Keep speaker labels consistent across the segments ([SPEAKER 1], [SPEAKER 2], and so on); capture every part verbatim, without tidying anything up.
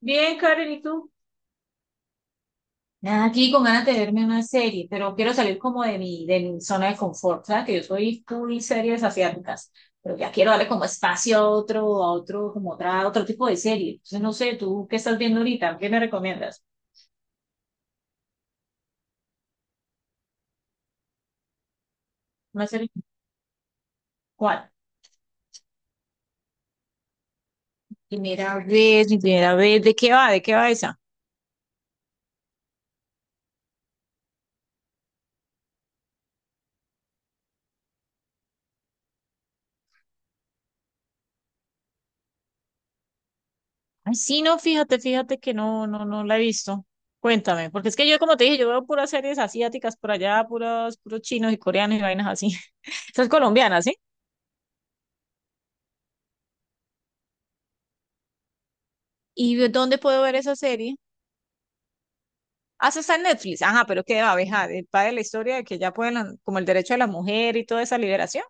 [SPEAKER 1] Bien, Karen, ¿y tú? Nada, aquí con ganas de verme una serie, pero quiero salir como de mi, de mi zona de confort, ¿sabes? Que yo soy full series asiáticas, pero ya quiero darle como espacio a otro, a otro, como otra, otro tipo de serie. Entonces, no sé, ¿tú qué estás viendo ahorita? ¿Qué me recomiendas? ¿Una serie? ¿Cuál? Primera vez, mi primera vez. ¿De qué va? ¿De qué va esa? Ay, sí, no, fíjate, fíjate que no, no, no la he visto. Cuéntame, porque es que yo, como te dije, yo veo puras series asiáticas por allá, puros, puros chinos y coreanos y vainas así. Esa es colombiana, ¿sí? ¿Y dónde puedo ver esa serie? Ah, esa está en Netflix. Ajá, pero qué va, abeja, de- va de la historia de que ya pueden, la- como el derecho de la mujer y toda esa liberación.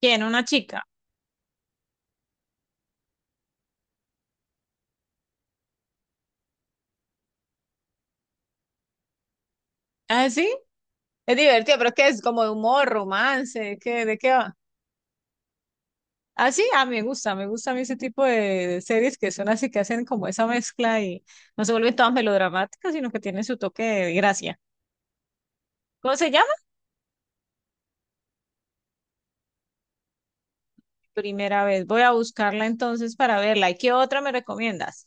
[SPEAKER 1] ¿Quién? Una chica. Ah, sí. Es divertido, pero es que es como de humor, romance, ¿qué, de qué va? Ah, sí, ah, me gusta, me gusta a mí ese tipo de, de series que son así, que hacen como esa mezcla y no se vuelven todas melodramáticas, sino que tienen su toque de gracia. ¿Cómo se llama? Primera vez. Voy a buscarla entonces para verla. ¿Y qué otra me recomiendas?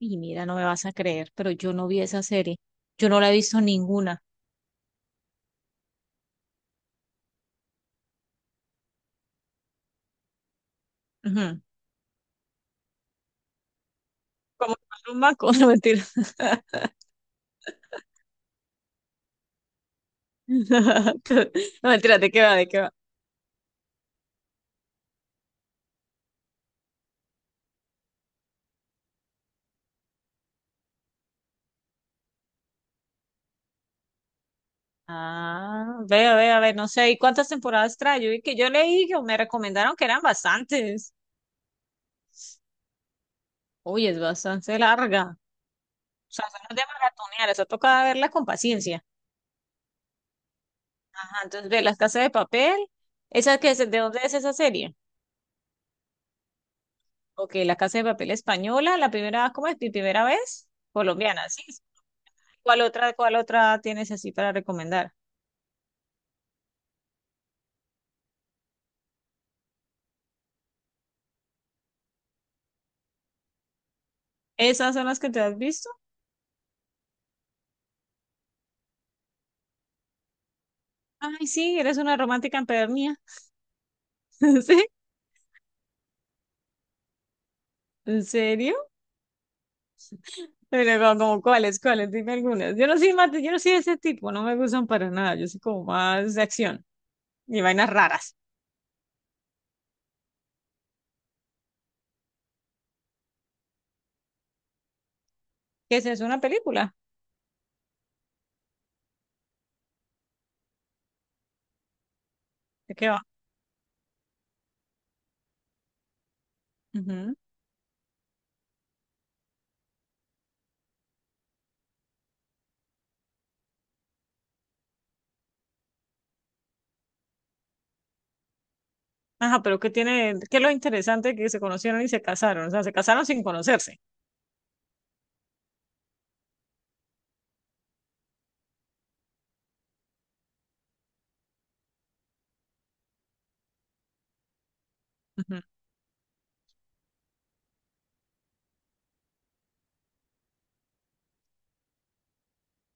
[SPEAKER 1] Y mira, no me vas a creer, pero yo no vi esa serie. Yo no la he visto ninguna. Ujú. Como tomar un maco, no mentira. No mentira, ¿de qué va? ¿De qué va? Ah, veo, veo, a ver, no sé. ¿Y cuántas temporadas trae? Yo vi que yo leí que me recomendaron que eran bastantes. Uy, es bastante larga. O sea, esa no es de maratonear, esa toca verla con paciencia. Ajá, entonces ve Las Casas de Papel. ¿Esa que es? ¿De dónde es esa serie? Ok, La Casa de Papel española, la primera, ¿cómo es? Mi primera vez, colombiana, sí. ¿Cuál otra, cuál otra tienes así para recomendar? ¿Esas son las que te has visto? Ay, sí, eres una romántica empedernida. ¿Sí? ¿En serio? Pero como, como, ¿cuáles, cuáles? Dime algunas. Yo no soy más, yo no soy de ese tipo, no me gustan para nada. Yo soy como más de acción y vainas raras. ¿Qué es eso? ¿Una película? ¿De qué va? Ujú. Ajá, pero ¿qué tiene, qué es lo interesante que se conocieron y se casaron? O sea, se casaron sin conocerse. Ujú.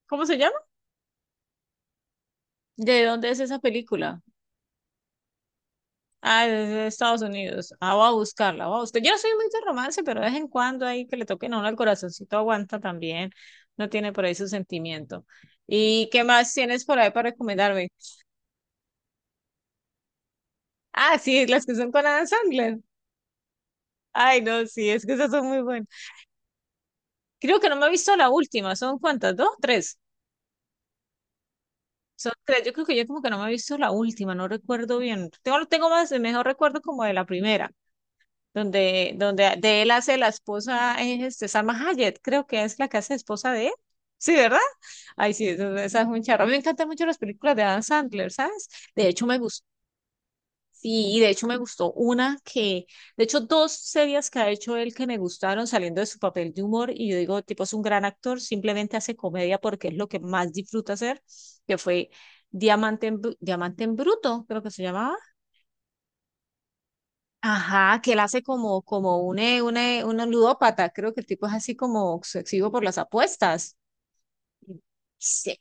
[SPEAKER 1] ¿Cómo se llama? ¿De dónde es esa película? Ah, es de Estados Unidos. Ah, voy a buscarla, voy a buscar. Yo no soy muy de romance, pero de vez en cuando ahí que le toquen a uno el corazoncito aguanta también. No tiene por ahí su sentimiento. ¿Y qué más tienes por ahí para recomendarme? Ah, sí, las que son con Adam Sandler. Ay, no, sí, es que esas son muy buenas. Creo que no me he visto la última. ¿Son cuántas? ¿Dos? ¿Tres? Son tres. Yo creo que yo como que no me he visto la última, no recuerdo bien. Tengo, tengo más, mejor recuerdo como de la primera. donde, donde de él hace la esposa, es este, Salma Hayek, creo que es la que hace esposa de él. Sí, ¿verdad? Ay, sí, eso- esa es un charro. A mí me encantan mucho las películas de Adam Sandler, ¿sabes? De hecho, me gustó. Sí, de hecho me gustó una que, de hecho, dos series que ha hecho él que me gustaron saliendo de su papel de humor y yo digo, tipo, es un gran actor, simplemente hace comedia porque es lo que más disfruta hacer, que fue Diamante en, Bru- Diamante en Bruto, creo que se llamaba. Ajá, que él hace como, como un, eh, un, eh, un ludópata, creo que el tipo es así como obsesivo por las apuestas. Sí.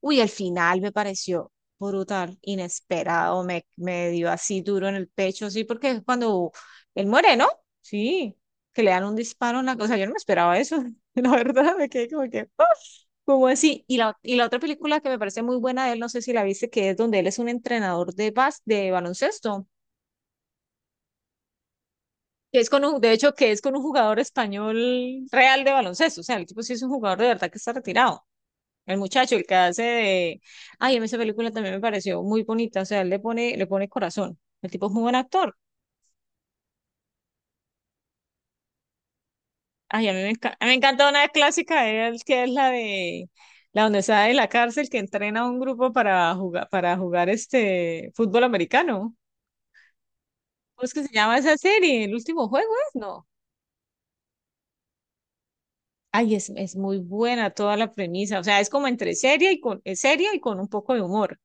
[SPEAKER 1] Uy, el final me pareció brutal, inesperado, me, me dio así duro en el pecho, sí, porque es cuando él muere, ¿no? Sí, que le dan un disparo en la cosa, yo no me esperaba eso, la verdad, me quedé como que, ¡ah! ¿Cómo así? Y la, y la otra película que me parece muy buena de él, no sé si la viste, que es donde él es un entrenador de, bas de baloncesto. Que es con un, de hecho, que es con un jugador español real de baloncesto. O sea, el tipo sí es un jugador de verdad que está retirado. El muchacho, el que hace de. Ay, a mí esa película también me pareció muy bonita. O sea, él le pone, le pone corazón. El tipo es muy buen actor. Ay, a mí me, encanta me encanta una clásica de él, que es la de. La donde está en la cárcel, que entrena a un grupo para jugar, para jugar este fútbol americano. ¿Cómo es que se llama esa serie? ¿El último juego es? No. Ay, es, es muy buena toda la premisa. O sea, es como entre seria y con, es seria y con un poco de humor.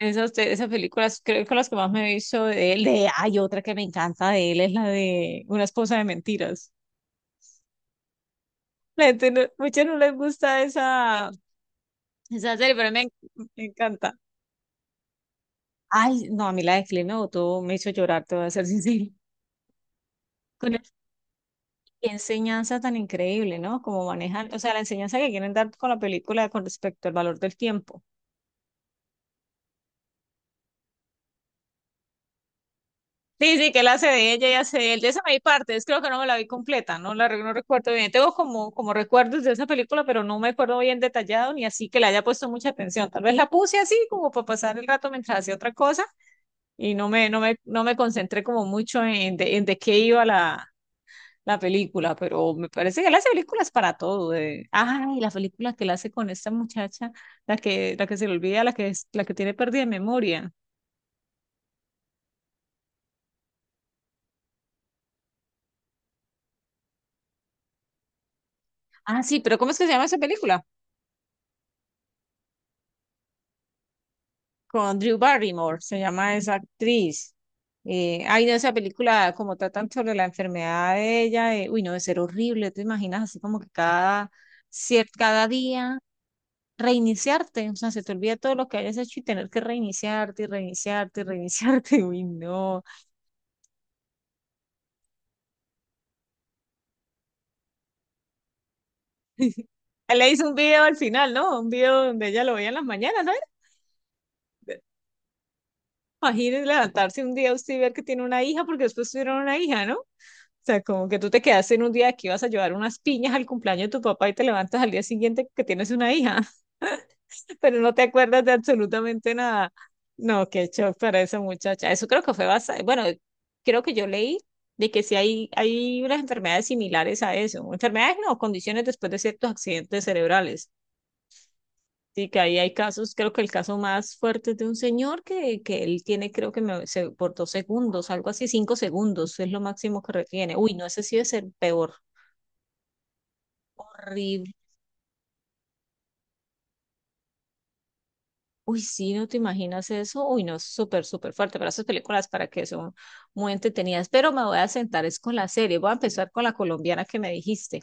[SPEAKER 1] Esas, te- esas películas creo que las que más me he visto de él. De, hay otra que me encanta de él, es la de Una esposa de mentiras. La gente no, muchas no les gusta esa, esa serie, pero me, me encanta. Ay, no, a mí la de Clint me botó, me hizo llorar, te voy a ser sincera. Con el- Qué enseñanza tan increíble, ¿no? Como manejan, o sea, la enseñanza que quieren dar con la película con respecto al valor del tiempo. Sí, sí, que él hace de ella y hace de él. De esa me di partes, creo que no me la vi completa, no la re- no recuerdo bien. Tengo como, como recuerdos de esa película, pero no me acuerdo bien detallado ni así que le haya puesto mucha atención. Tal vez la puse así como para pasar el rato mientras hacía otra cosa y no me, no me, no me concentré como mucho en de, en de qué iba la, la película, pero me parece que él hace películas para todo. eh. Ay, la película que él hace con esta muchacha, la que, la que se le olvida, la que, es, la que tiene pérdida de memoria. Ah, sí, pero ¿cómo es que se llama esa película? Con Drew Barrymore, se llama esa actriz. Eh, hay de esa película, como tratan sobre la enfermedad de ella, eh, uy, no, de ser horrible, te imaginas así como que cada, cier- cada día reiniciarte, o sea, se te olvida todo lo que hayas hecho y tener que reiniciarte y reiniciarte y reiniciarte, uy, no. Él le hizo un video al final, ¿no? Un video donde ella lo veía en las mañanas, ¿no? Imagínense levantarse un día usted y ver que tiene una hija, porque después tuvieron una hija, ¿no? Sea, como que tú te quedaste en un día que ibas a llevar unas piñas al cumpleaños de tu papá y te levantas al día siguiente que tienes una hija, pero no te acuerdas de absolutamente nada. No, qué shock para esa muchacha. Eso creo que fue bastante, bueno, creo que yo leí de que sí hay, hay unas enfermedades similares a eso. Enfermedades no, condiciones después de ciertos accidentes cerebrales. Sí, que ahí hay casos, creo que el caso más fuerte es de un señor que, que él tiene, creo que me- se- por dos segundos, algo así, cinco segundos, es lo máximo que retiene. Uy, no, ese sí debe ser peor. Horrible. Uy, sí, no te imaginas eso. Uy, no, es súper, súper fuerte. Pero esas películas para que son muy entretenidas. Pero me voy a sentar es con la serie. Voy a empezar con la colombiana que me dijiste.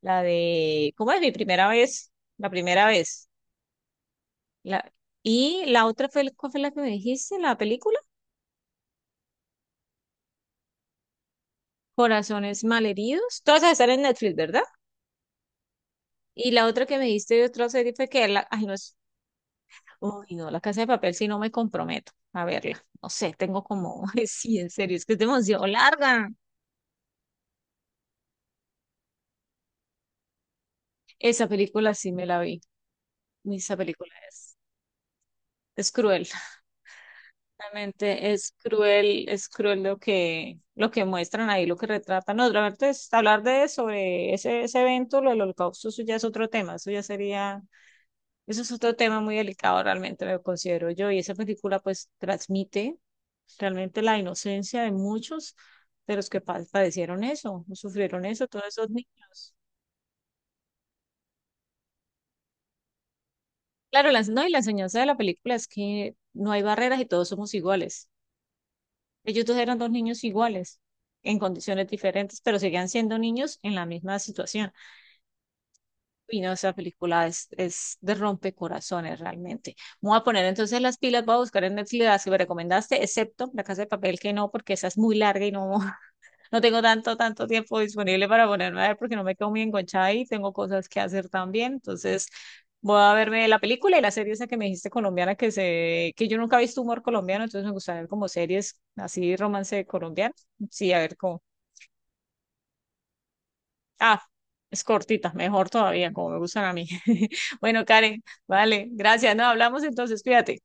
[SPEAKER 1] La de, ¿cómo es mi primera vez? La primera vez. La... Y la otra fue, ¿cuál fue la que me dijiste? La película. Corazones malheridos. Todas esas están en Netflix, ¿verdad? Y la otra que me dijiste de otra serie fue que la, ay, no es, uy, no, La Casa de Papel, si no me comprometo a verla. No sé, tengo como, sí, en serio, es que es demasiado larga. Esa película sí me la vi. Esa película es, es cruel. Realmente es cruel, es cruel lo que, lo que muestran ahí, lo que retratan. No, realmente es- hablar de sobre ese, ese evento, lo del holocausto, eso ya es otro tema. Eso ya sería, eso es otro tema muy delicado realmente, lo considero yo. Y esa película pues transmite realmente la inocencia de muchos de los que pa- padecieron eso, sufrieron eso, todos esos niños. Claro, la, no, y la enseñanza de la película es que no hay barreras y todos somos iguales. Ellos dos eran dos niños iguales, en condiciones diferentes, pero seguían siendo niños en la misma situación. Y no, esa película es, es de rompecorazones realmente. Me voy a poner entonces las pilas, voy a buscar en Netflix las que me recomendaste, excepto La Casa de Papel, que no, porque esa es muy larga y no, no tengo tanto, tanto tiempo disponible para ponerme a ver porque no me quedo muy enganchada y tengo cosas que hacer también. Entonces, voy a verme la película y la serie esa que me dijiste colombiana que se, que yo nunca he visto humor colombiano, entonces me gusta ver como series así romance colombiano. Sí, a ver cómo. Ah, es cortita, mejor todavía, como me gustan a mí. Bueno, Karen, vale, gracias. No, hablamos entonces, cuídate.